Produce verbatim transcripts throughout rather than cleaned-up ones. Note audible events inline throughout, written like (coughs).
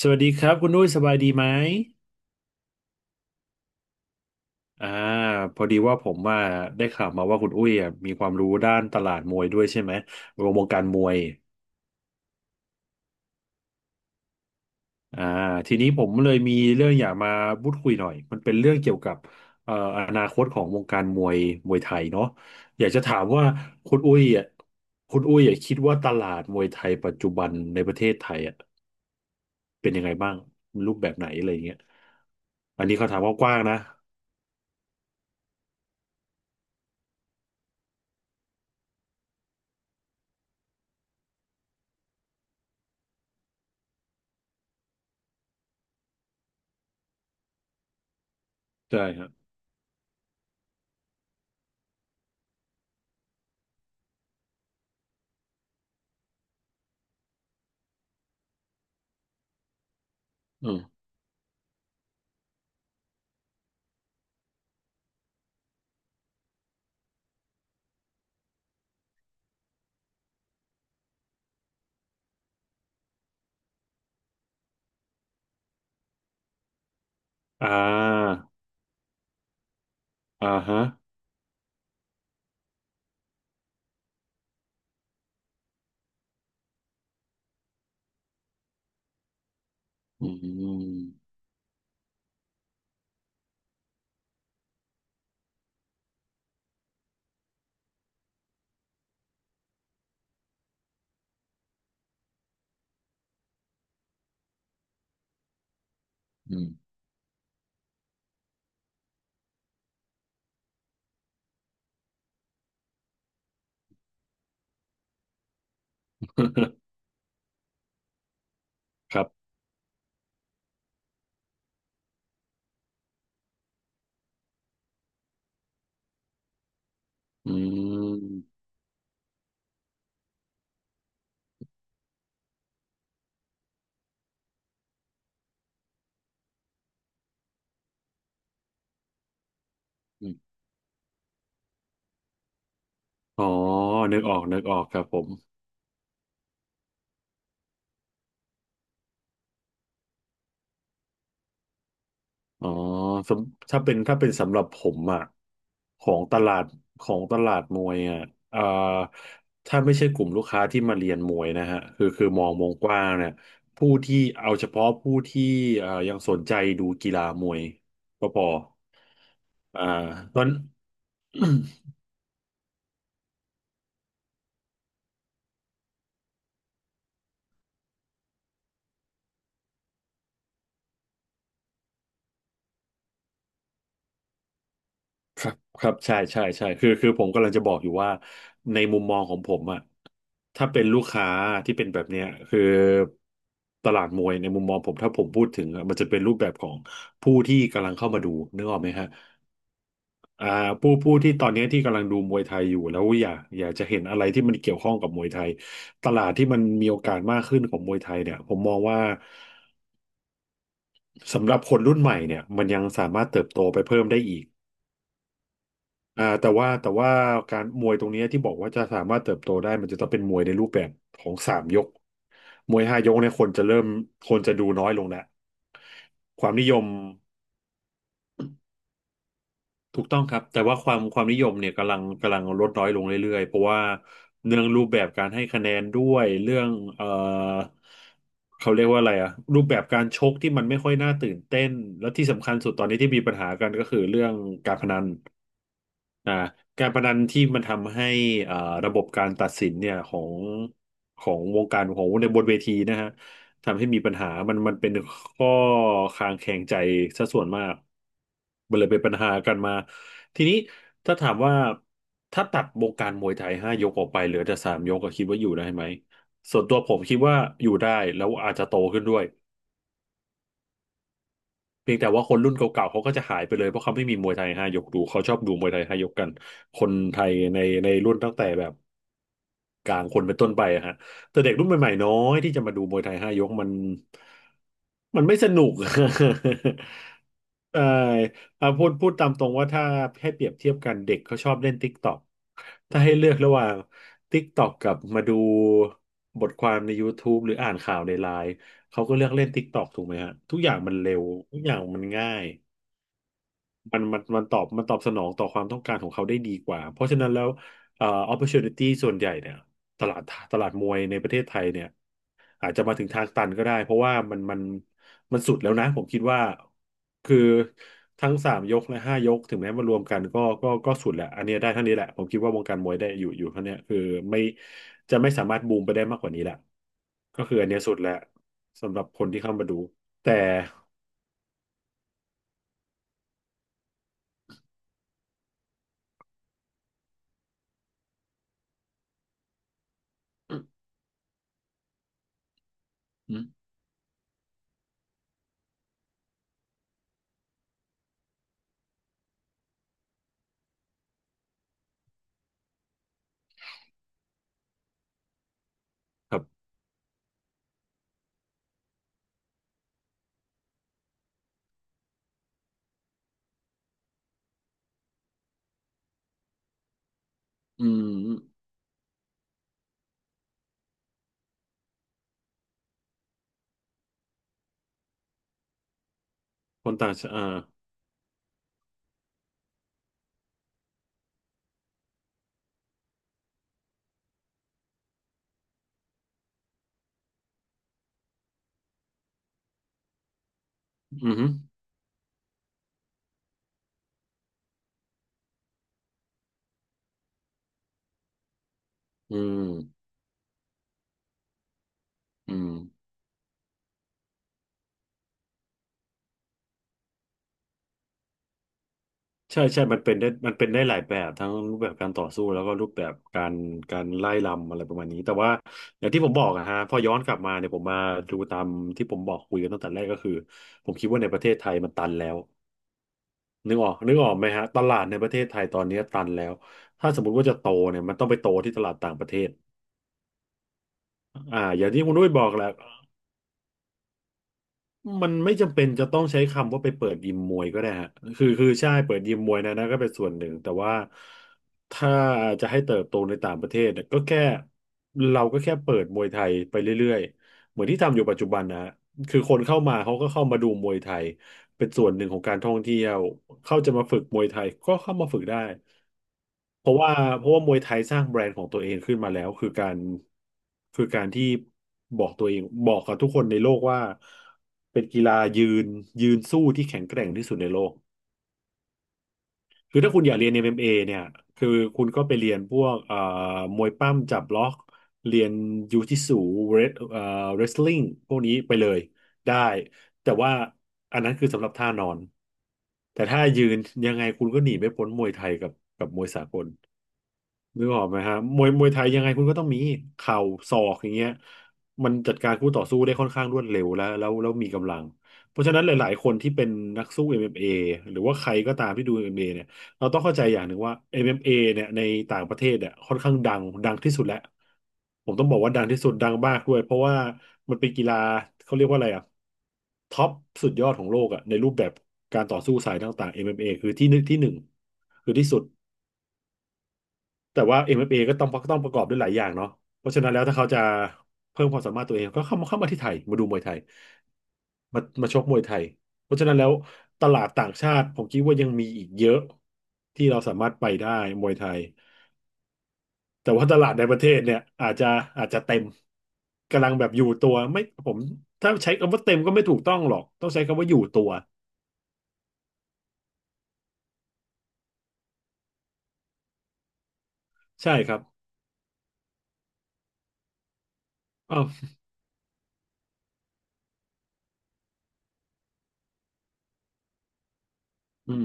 สวัสดีครับคุณอุ้ยสบายดีไหมอ่าพอดีว่าผมว่าได้ข่าวมาว่าคุณอุ้ยอ่ะมีความรู้ด้านตลาดมวยด้วยใช่ไหมรวมวงการมวยอ่าทีนี้ผมเลยมีเรื่องอยากมาพูดคุยหน่อยมันเป็นเรื่องเกี่ยวกับเอ่ออนาคตของวงการมวยมวยไทยเนาะอยากจะถามว่าคุณอุ้ยอ่ะคุณอุ้ยอ่ะคิดว่าตลาดมวยไทยปัจจุบันในประเทศไทยอ่ะเป็นยังไงบ้างรูปแบบไหนอะไรอย่างเงี้ยอันนี้เขาถามกว้างๆนะใช่ครับอืมอ่า อ่าฮะอืมอืม (laughs) ครับอืมอืมอ๋อนึกออกนึกออกครับผมอ๋อสำถ้าเป็นถ้าเป็นสำหรับผมอ่ะของตลาดของตลาดมวยอ่ะเอ่าถ้าไม่ใช่กลุ่มลูกค้าที่มาเรียนมวยนะฮะคือคือมองวงกว้างเนี่ยผู้ที่เอาเฉพาะผู้ที่เอ่ายังสนใจดูกีฬามวยก็พออ่าตอน (coughs) ครับครับใช่ใช่ใช่คือคือผมกำลังจะบอกอยู่ว่าในมุมมองของผมอะถ้าเป็นลูกค้าที่เป็นแบบเนี้ยคือตลาดมวยในมุมมองผมถ้าผมพูดถึงอะมันจะเป็นรูปแบบของผู้ที่กำลังเข้ามาดูนึกออกไหมฮะอ่าผู้ผู้ที่ตอนนี้ที่กำลังดูมวยไทยอยู่แล้วอยากอยากจะเห็นอะไรที่มันเกี่ยวข้องกับมวยไทยตลาดที่มันมีโอกาสมากขึ้นของมวยไทยเนี่ยผมมองว่าสำหรับคนรุ่นใหม่เนี่ยมันยังสามารถเติบโตไปเพิ่มได้อีก อ่าแต่ว่าแต่ว่าการมวยตรงเนี้ยที่บอกว่าจะสามารถเติบโตได้มันจะต้องเป็นมวยในรูปแบบของสามยกมวยห้ายกเนี่ยคนจะเริ่มคนจะดูน้อยลงแล้วความนิยมถูกต้องครับแต่ว่าความความนิยมเนี่ยกำลังกำลังลดน้อยลงเรื่อยๆเพราะว่าเรื่องรูปแบบการให้คะแนนด้วยเรื่องเอ่อเขาเรียกว่าอะไรอะรูปแบบการชกที่มันไม่ค่อยน่าตื่นเต้นและที่สำคัญสุดตอนนี้ที่มีปัญหากันก็คือเรื่องการพนัน อ่าการพนันที่มันทำให้อ่าระบบการตัดสินเนี่ยของของวงการของในบนเวทีนะฮะทำให้มีปัญหามันมันเป็นข้อคลางแคลงใจซะส่วนมากมันเลยเป็นปัญหากันมาทีนี้ถ้าถามว่าถ้าตัดวงการมวยไทยห้ายกออกไปเหลือแต่สามยกก็คิดว่าอยู่ได้ไหมส่วนตัวผมคิดว่าอยู่ได้แล้วอาจจะโตขึ้นด้วย เพียงแต่ว่าคนรุ่นเก่าๆ เขาก็จะหายไปเลยเพราะเขาไม่มีมวยไทยห้ายกดูเขาชอบดูมวยไทยห้ายกกันคนไทยในในรุ่นตั้งแต่แบบ กลางคนเป็นต้นไปอะฮะแต่เด็กรุ่นใหม่ๆน้อยที่จะมาดูมวยไทยห้ายกมันมันไม่สนุก (laughs) ใช่อ่าพูดพูดตามตรงว่าถ้าให้เปรียบเทียบกันเด็กเขาชอบเล่น TikTok ถ้าให้เลือกระหว่าง ติ๊กต๊อก กับมาดูบทความใน ยูทูบ หรืออ่านข่าวในไลน์เขาก็เลือกเล่น TikTok ถูกไหมฮะทุกอย่างมันเร็วทุกอย่างมันง่าย มันมันมันตอบมันตอบสนองต่อความต้องการของเขาได้ดีกว่าเพราะฉะนั้นแล้วเอ่อ ออปพอร์ทูนิตี้ ส่วนใหญ่เนี่ยตลาดตลาดมวยในประเทศไทยเนี่ยอาจจะมาถึงทางตันก็ได้เพราะว่ามันมันมันสุดแล้วนะผมคิดว่าคือทั้งสามยกและห้ายกถึงแม้มารวมกันก็ก็ก็สุดแหละอันเนี้ยได้เท่านี้แหละผมคิดว่าวงการมวยได้อยู่อยู่เท่าเนี้ยคือไม่จะไม่สามารถบูมไปได้มากกว่านี้แหละก็คืออันเนี้ยสุดแล้วสำหรับคนที่เข้ามาดูแต่อืมครับอืมคนต่างชาติ อืมอหือืมอืมใช่ใช่มันเป็นได้มันเป็นได้หลายแบบทั้งรูปแบบการต่อสู้แล้วก็รูปแบบการการไล่ลำอะไรประมาณนี้ แต่ว่าอย่างที่ผมบอกอะฮะพอย้อนกลับมาเนี่ยผมมาดูตามที่ผมบอกคุยกันตั้งแต่แรกก็คือผมคิดว่าในประเทศไทยมันตันแล้วนึกออกนึกออกไหมฮะตลาดในประเทศไทยตอนนี้ตันแล้วถ้าสมมติว่าจะโตเนี่ยมันต้องไปโตที่ตลาดต่างประเทศอ่าอย่างที่คุณนุ้ยบอกแหละ มันไม่จำเป็นจะต้องใช้คำว่าไปเปิดยิมมวยก็ได้ฮะคือคือใช่เปิดยิมมวยนะนะก็เป็นส่วนหนึ่งแต่ว่าถ้าจะให้เติบโตในต่างประเทศเนี่ยก็แค่เราก็แค่เปิดมวยไทยไปเรื่อยๆเหมือนที่ทำอยู่ปัจจุบันนะฮะคือคนเข้ามาเขาก็เข้ามาดูมวยไทยเป็นส่วนหนึ่งของการท่องเที่ยวเข้าจะมาฝึกมวยไทยก็เข้ามาฝึกได้ เพราะว่าเพราะว่ามวยไทยสร้างแบรนด์ของตัวเองขึ้นมาแล้วคือการคือการที่บอกตัวเองบอกกับทุกคนในโลกว่าเป็นกีฬายืนยืนสู้ที่แข็งแกร่งที่สุดในโลกคือถ้าคุณอยากเรียน เอ็ม เอ็ม เอ เอ็มเอเนี่ยคือคุณก็ไปเรียนพวกเอ่อมวยปั้มจับล็อกเรียนยูจิสึเรสเอ่อเรสลิงพวกนี้ไปเลยได้แต่ว่าอันนั้นคือสำหรับท่านอนแต่ถ้ายืนยังไงคุณก็หนีไม่พ้นมวยไทยกับกับมวยสากล นึกออกไหมฮะมวยมวยไทยยังไงคุณก็ต้องมีเข่าศอกอย่างเงี้ยมันจัดการคู่ต่อสู้ได้ค่อนข้างรวดเร็วแล้วแล้วแล้วมีกำลังเพราะฉะนั้นหลายๆคนที่เป็นนักสู้ เอ็ม เอ็ม เอ หรือว่าใครก็ตามที่ดูเอ็มเอ็มเอเนี่ยเราต้องเข้าใจอย่างหนึ่งว่า เอ็ม เอ็ม เอ เอ็มเอเนี่ยในต่างประเทศเนี่ยค่อนข้างดังดังที่สุดแล้วผมต้องบอกว่าดังที่สุดดังมากด้วยเพราะว่ามันเป็นกีฬาเขาเรียกว่าอะไรอะท็อปสุดยอดของโลกอะในรูปแบบการต่อสู้สายต่างๆเอ็มเอมเอคือที่หนึ่งที่หนึ่งคือที่สุด แต่ว่า m เ a ก็ต้องต้องประกอบด้วยหลายอย่างเนาะเพราะฉะนั้นแล้วถ้าเขาจะเพิ่มความสามารถตัวเองก็เข้ามาเข้ามาที่ไทยมาดูมวยไทยมามาชกมวยไทยเพราะฉะนั้นแล้วตลาดต่างชาติผมคิดว่ายังมีอีกเยอะที่เราสามารถไปได้มวยไทยแต่ว่าตลาดในประเทศเนี่ยอาจจะอาจจะเต็มกำลังแบบอยู่ตัวไม่ผมถ้าใช้คำว่าเต็มก็ไม่ถูกต้องหรอกต้องใช้คำว่าอยู่ตัวใช่ครับอ้าวอืม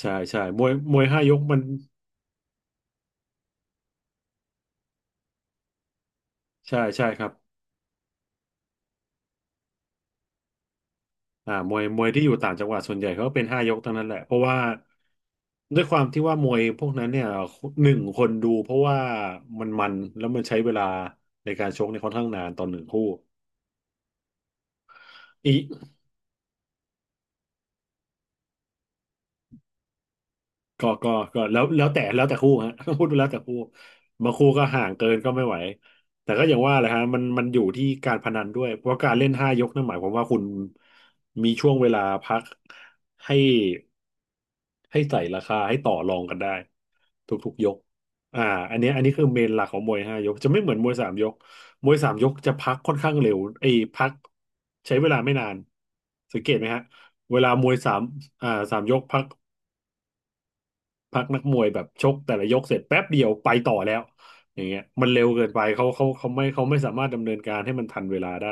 ใช่ใช่มวยมวยห้ายกมันใช่ใช่ครับ อ่ามวยมวยที่อยู่ต่างจังหวัดส่วนใหญ่เขาก็เป็นห้ายกทั้งนั้นแหละเพราะว่าด้วยความที่ว่ามวยพวกนั้นเนี่ยหนึ่งคนดูเพราะว่ามันมันแล้วมันใช้เวลาในการชกในี่ยค่อนข้างนานตอนหนึ่งคู่อีก ก็ก็ก็แล้วแล้วแต่แล้วแต่คู่ฮะ (laughs) ต้องพูดแล้วแต่คู่บางคู่ก็ห่างเกินก็ไม่ไหวแต่ก็อย่างว่าแหละฮะมันมันอยู่ที่การพนันด้วยเพราะการเล่นห้ายกนั่นหมายความว่าคุณมีช่วงเวลาพักให้ให้ใส่ราคาให้ต่อรองกันได้ทุกๆยกอ่าอันเนี้ยอันนี้คือเมนหลักของมวยห้ายกจะไม่เหมือนมวยสามยกมวยสามยกจะพักค่อนข้างเร็วไอ้ยพักใช้เวลาไม่นานสังเกตไหมฮะเวลามวยสามอ่าสามยกพัก พักนักมวยแบบชกแต่ละยกเสร็จแป๊บเดียวไปต่อแล้วอย่างเงี้ยมันเร็วเกินไปเขาเขาเขาไม่เขาไม่สามารถดำเนินการให้มันทันเวลาได้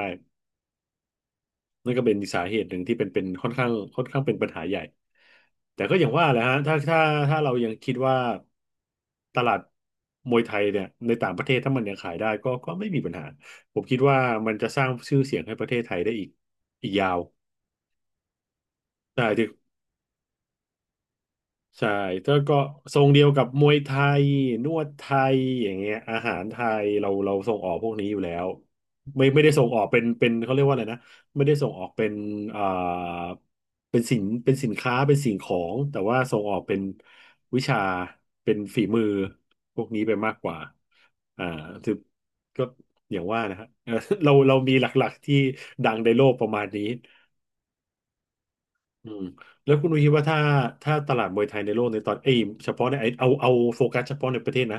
นั่นก็เป็นสาเหตุหนึ่งที่เป็นเป็นค่อนข้างค่อนข้างเป็นปัญหาใหญ่แต่ก็อย่างว่าแหละฮะถ้าถ้าถ้าเรายังคิดว่าตลาดมวยไทยเนี่ยในต่างประเทศถ้ามันยังขายได้ก็ก็ไม่มีปัญหาผมคิดว่ามันจะสร้างชื่อเสียงให้ประเทศไทยได้อีกอีกยาวใช่ ใช่แล้วก็ทรงเดียวกับมวยไทยนวดไทยอย่างเงี้ยอาหารไทยเราเราส่งออกพวกนี้อยู่แล้วไม่ไม่ได้ส่งออกเป็นเป็นเขาเรียกว่าอะไรนะไม่ได้ส่งออกเป็นอ่าเป็นสินเป็นสินค้าเป็นสิ่งของแต่ว่าส่งออกเป็นวิชาเป็นฝีมือพวกนี้ไปมากกว่าอ่าคือก็อย่างว่านะฮะ (laughs) เออเราเรามีหลักๆที่ดังในโลกประมาณนี้ อืมแล้วคุณนุ้ยคิดว่าถ้าถ้าตลาดมวยไทยในโลกในตอนเอ้ยเฉพาะในไอเอาเอาโฟกัสเฉพาะในประเทศนะ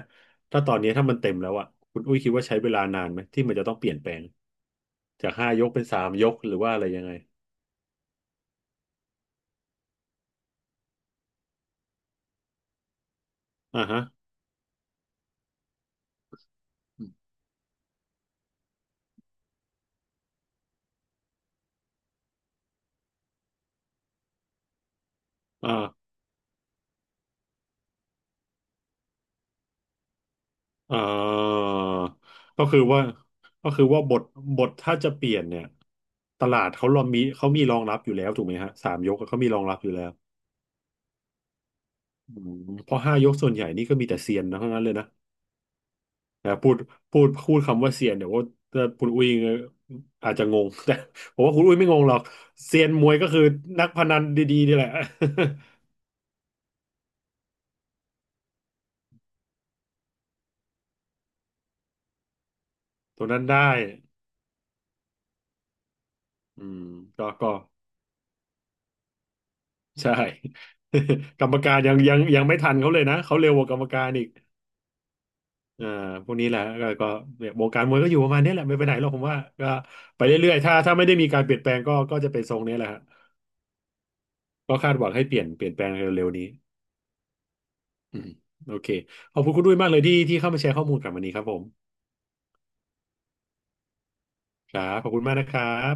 ถ้าตอนนี้ถ้ามันเต็มแล้วอ่ะคุณอุ้ยคิดว่าใช้เวลานานไหมที่มันจะต้องเปลี่ยนแปลงจากห้ายกเป็นสามยกหรือว่าอะไรยังไงอ่าฮะอ่าอ่าก็คือว่าก็คือว่าบทบทถ้าจะเปลี่ยนเนี่ยตลาดเขารอมีเขามีรองรับอยู่แล้วถูกไหมฮะสามยกเขามีรองรับอยู่แล้วอืมเพราะห้ายกส่วนใหญ่นี่ก็มีแต่เซียนนะเท่านั้นเลยนะ นะพูดพูดพูดคำว่าเซียนเดี๋ยวว่าคุณอุ้ยอาจจะงง (laughs) แต่ผมว่าคุณอุ้ยไม่งงหรอกเซียนมวยก็คือนักพนันดีๆนี่แหละ (laughs) ตัวนั้นได้อืมก็ก็ใช่ (laughs) กรรมการยังยังยังไม่ทันเขาเลยนะเขาเร็วกว่ากรรมการอีกอ่าพวกนี้แหละก็ก็เนี่ยวงการมวยก็อยู่ประมาณนี้แหละไม่ไปไหนหรอกผมว่าก็ไปเรื่อยๆถ้าถ้าไม่ได้มีการเปลี่ยนแปลงก็ก็จะเป็นทรงนี้แหละฮะก็คาดหวังให้เปลี่ยนเปลี่ยนแปลงเร็วๆนี้อืมโอเคขอบคุณคุณด้วยมากเลยที่ที่เข้ามาแชร์ข้อมูลกับวันนี้ครับผม ครับขอบคุณมากนะครับ